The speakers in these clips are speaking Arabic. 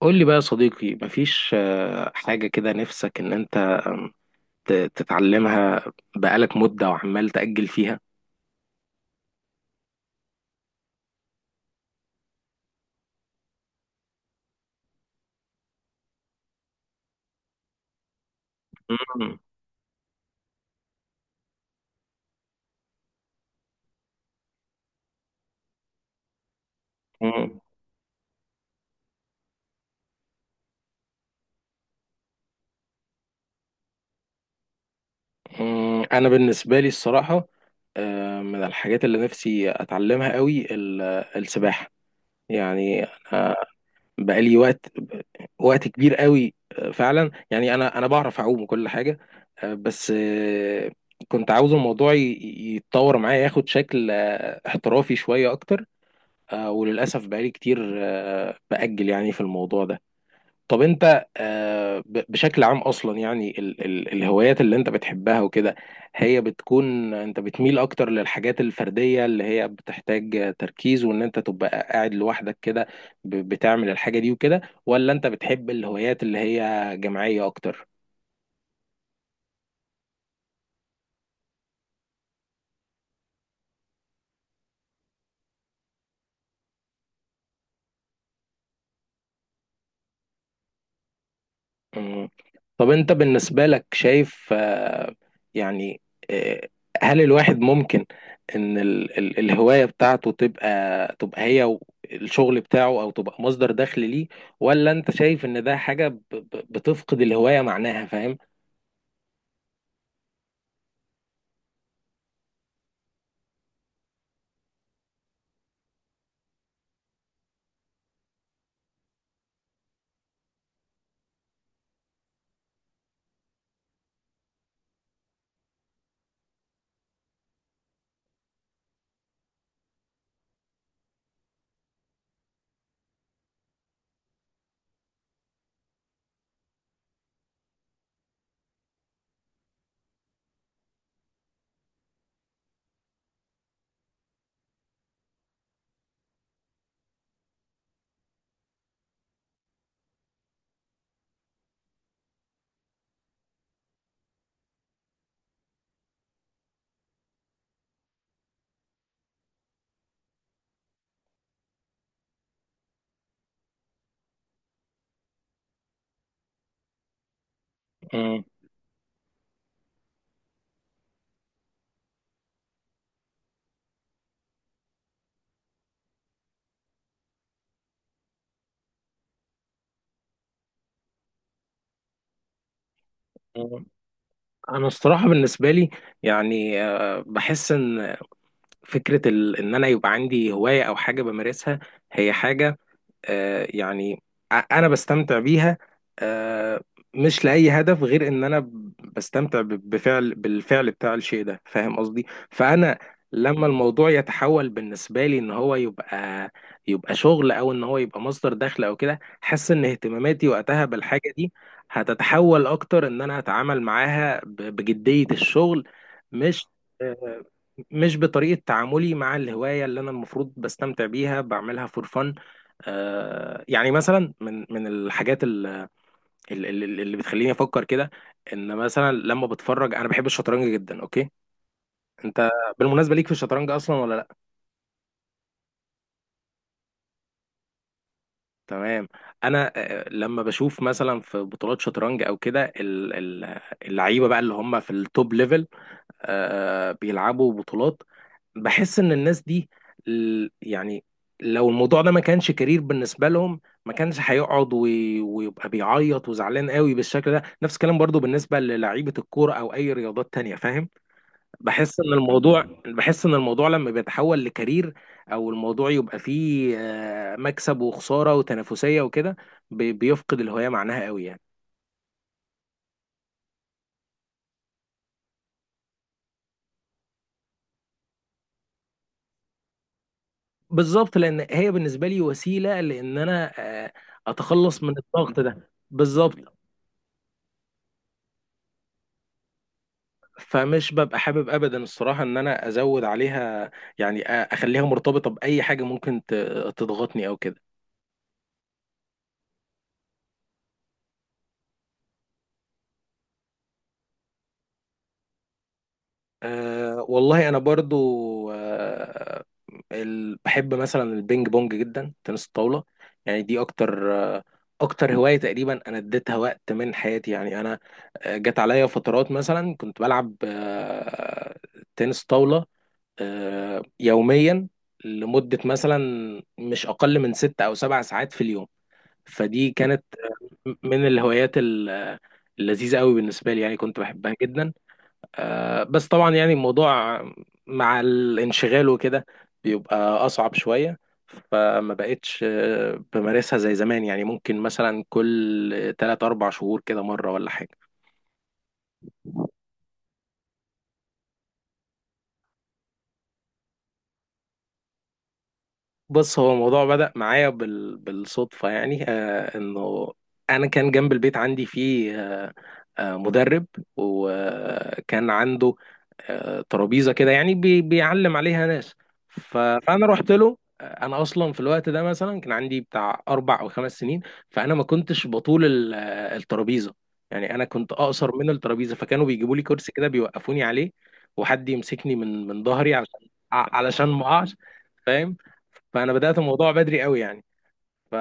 قول لي بقى يا صديقي مفيش حاجة كده نفسك إن أنت تتعلمها بقالك مدة وعمال تأجل فيها. مم. مم. مم. أنا بالنسبة لي الصراحة من الحاجات اللي نفسي أتعلمها قوي السباحة. يعني أنا بقالي وقت وقت كبير قوي فعلا. يعني أنا بعرف أعوم وكل حاجة، بس كنت عاوز الموضوع يتطور معايا، ياخد شكل احترافي شوية أكتر. وللأسف بقالي كتير بأجل يعني في الموضوع ده. طب أنت بشكل عام أصلا، يعني ال الهوايات اللي أنت بتحبها وكده، هي بتكون أنت بتميل أكتر للحاجات الفردية اللي هي بتحتاج تركيز وإن أنت تبقى قاعد لوحدك كده، بتعمل الحاجة دي وكده، ولا أنت بتحب الهوايات اللي هي جماعية أكتر؟ مم. طب انت بالنسبة لك شايف يعني آه، هل الواحد ممكن ان ال الهواية بتاعته تبقى، تبقى هي و- الشغل بتاعه، او تبقى مصدر دخل ليه، ولا انت شايف ان ده حاجة بتفقد الهواية معناها، فاهم؟ مم. مم. انا الصراحة بالنسبة لي يعني بحس ان فكرة ان انا يبقى عندي هواية او حاجة بمارسها، هي حاجة يعني انا بستمتع بيها آه، مش لاي هدف، غير ان انا بستمتع ب- بفعل بالفعل بتاع الشيء ده، فاهم قصدي؟ فانا لما الموضوع يتحول بالنسبه لي ان هو يبقى، يبقى شغل، او ان هو يبقى مصدر دخل او كده، حاسس ان اهتماماتي وقتها بالحاجه دي هتتحول اكتر، ان انا اتعامل معاها بجديه الشغل. مش آه، مش بطريقه تعاملي مع الهوايه اللي انا المفروض بستمتع بيها، بعملها فور فن. يعني مثلا من الحاجات اللي بتخليني افكر كده، ان مثلا لما بتفرج، انا بحب الشطرنج جدا. اوكي، انت بالمناسبه ليك في الشطرنج اصلا ولا لا؟ تمام. انا لما بشوف مثلا في بطولات شطرنج او كده، اللعيبه بقى اللي هم في التوب ليفل بيلعبوا بطولات، بحس ان الناس دي يعني لو الموضوع ده ما كانش كارير بالنسبه لهم، ما كانش هيقعد ويبقى بيعيط وزعلان قوي بالشكل ده. نفس الكلام برضو بالنسبه للعيبه الكوره او اي رياضات تانية، فاهم؟ بحس ان الموضوع، لما بيتحول لكارير، او الموضوع يبقى فيه مكسب وخساره وتنافسيه وكده، بيفقد الهويه معناها قوي يعني. بالظبط، لان هي بالنسبه لي وسيله لان انا آه، اتخلص من الضغط ده بالظبط. فمش ببقى حابب ابدا الصراحه ان انا ازود عليها، يعني اخليها مرتبطه باي حاجه ممكن تضغطني او كده. أه والله انا برضو بحب مثلا البينج بونج جدا، تنس الطاوله. يعني دي اكتر، اكتر هوايه تقريبا انا اديتها وقت من حياتي. يعني انا جت عليا فترات مثلا كنت بلعب تنس طاوله يوميا، لمده مثلا مش اقل من ست او سبع ساعات في اليوم. فدي كانت من الهوايات اللذيذة قوي بالنسبة لي، يعني كنت بحبها جدا. بس طبعا يعني الموضوع مع الانشغال وكده بيبقى أصعب شوية، فما بقتش بمارسها زي زمان، يعني ممكن مثلا كل 3 4 شهور كده مرة ولا حاجة. بص، هو الموضوع بدأ معايا بالصدفة، يعني انه انا كان جنب البيت عندي فيه مدرب، وكان عنده ترابيزة كده يعني بيعلم عليها ناس. فانا رحت له. انا اصلا في الوقت ده مثلا كان عندي بتاع اربع او خمس سنين، فانا ما كنتش بطول ال... آه، الترابيزة، يعني انا كنت اقصر من الترابيزة، فكانوا بيجيبوا لي كرسي كده بيوقفوني عليه، وحد يمسكني من ظهري علشان علشان ما اقعش، فاهم. فانا بدات الموضوع بدري قوي يعني. ف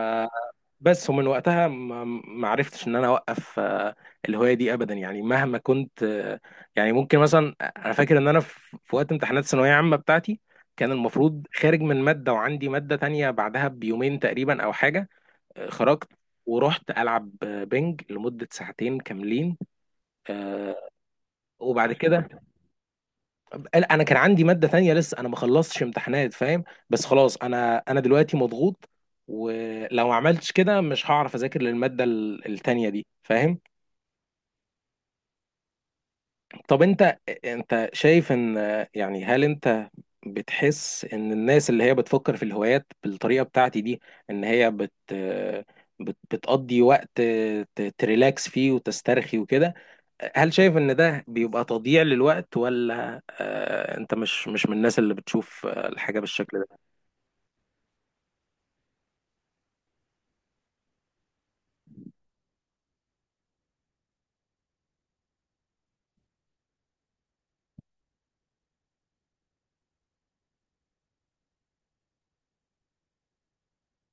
بس ومن وقتها ما عرفتش ان انا اوقف الهوايه دي ابدا، يعني مهما كنت يعني ممكن مثلا، انا فاكر ان انا في وقت امتحانات الثانويه العامه بتاعتي، كان المفروض خارج من ماده وعندي ماده تانية بعدها بيومين تقريبا او حاجه، خرجت ورحت العب بينج لمده ساعتين كاملين، وبعد كده، لا انا كان عندي ماده تانية لسه، انا ما خلصتش امتحانات فاهم، بس خلاص انا انا دلوقتي مضغوط، ولو ما عملتش كده مش هعرف اذاكر للماده التانية دي، فاهم. طب انت، انت شايف ان، يعني هل انت بتحس ان الناس اللي هي بتفكر في الهوايات بالطريقه بتاعتي دي، ان هي بتقضي وقت تريلاكس فيه وتسترخي وكده، هل شايف ان ده بيبقى تضييع للوقت، ولا انت مش من الناس اللي بتشوف الحاجه بالشكل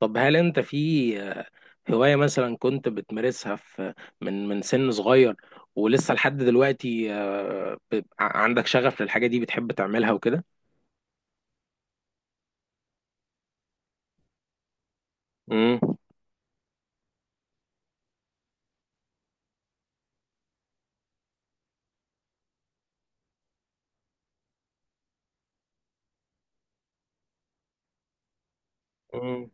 طب هل انت في آه، هواية مثلا كنت بتمارسها من من سن صغير ولسه لحد دلوقتي عندك شغف للحاجة دي، بتحب تعملها وكده؟ مم. مم.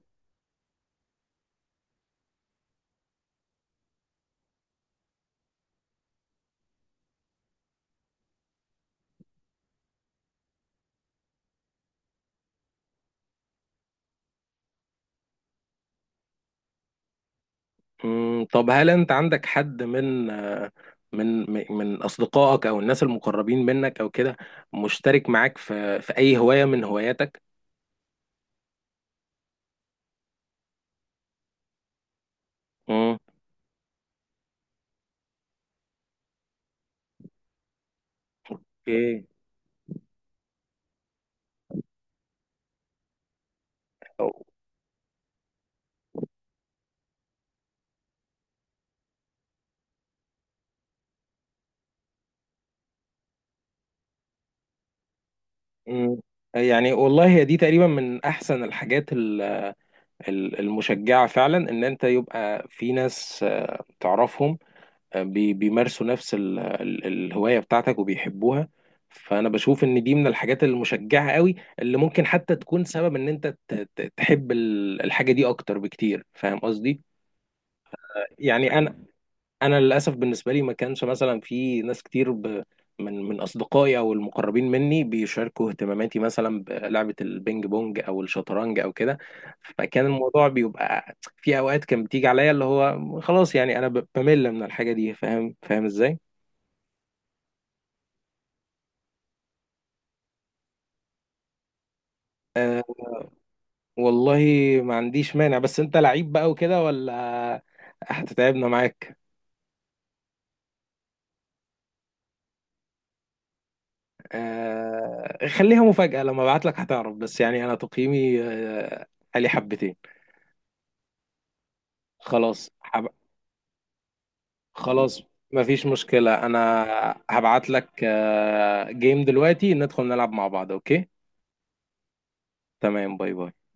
مم. طب هل انت عندك حد من من اصدقائك او الناس المقربين منك او كده، مشترك معاك في اي هواية من هواياتك؟ مم. اوكي. أو- مم. يعني والله هي دي تقريبا من احسن الحاجات المشجعة فعلا، ان انت يبقى في ناس تعرفهم بيمارسوا نفس الهواية بتاعتك وبيحبوها. فانا بشوف ان دي من الحاجات المشجعة قوي اللي ممكن حتى تكون سبب ان انت تحب الحاجة دي اكتر بكتير، فاهم قصدي؟ يعني انا للاسف بالنسبه لي ما كانش مثلا في ناس كتير من اصدقائي او المقربين مني بيشاركوا اهتماماتي مثلا بلعبه البينج بونج او الشطرنج او كده، فكان الموضوع بيبقى في اوقات كان بتيجي عليا اللي هو خلاص، يعني انا بمل من الحاجه دي، فاهم؟ فاهم ازاي؟ أه والله ما عنديش مانع، بس انت لعيب بقى وكده ولا هتتعبنا معاك؟ أه خليها مفاجاه، لما ابعت لك هتعرف، بس يعني انا تقييمي عالي حبتين. خلاص، خلاص، مفيش مشكلة، أنا هبعت لك جيم دلوقتي، ندخل نلعب مع بعض، أوكي؟ تمام، باي باي.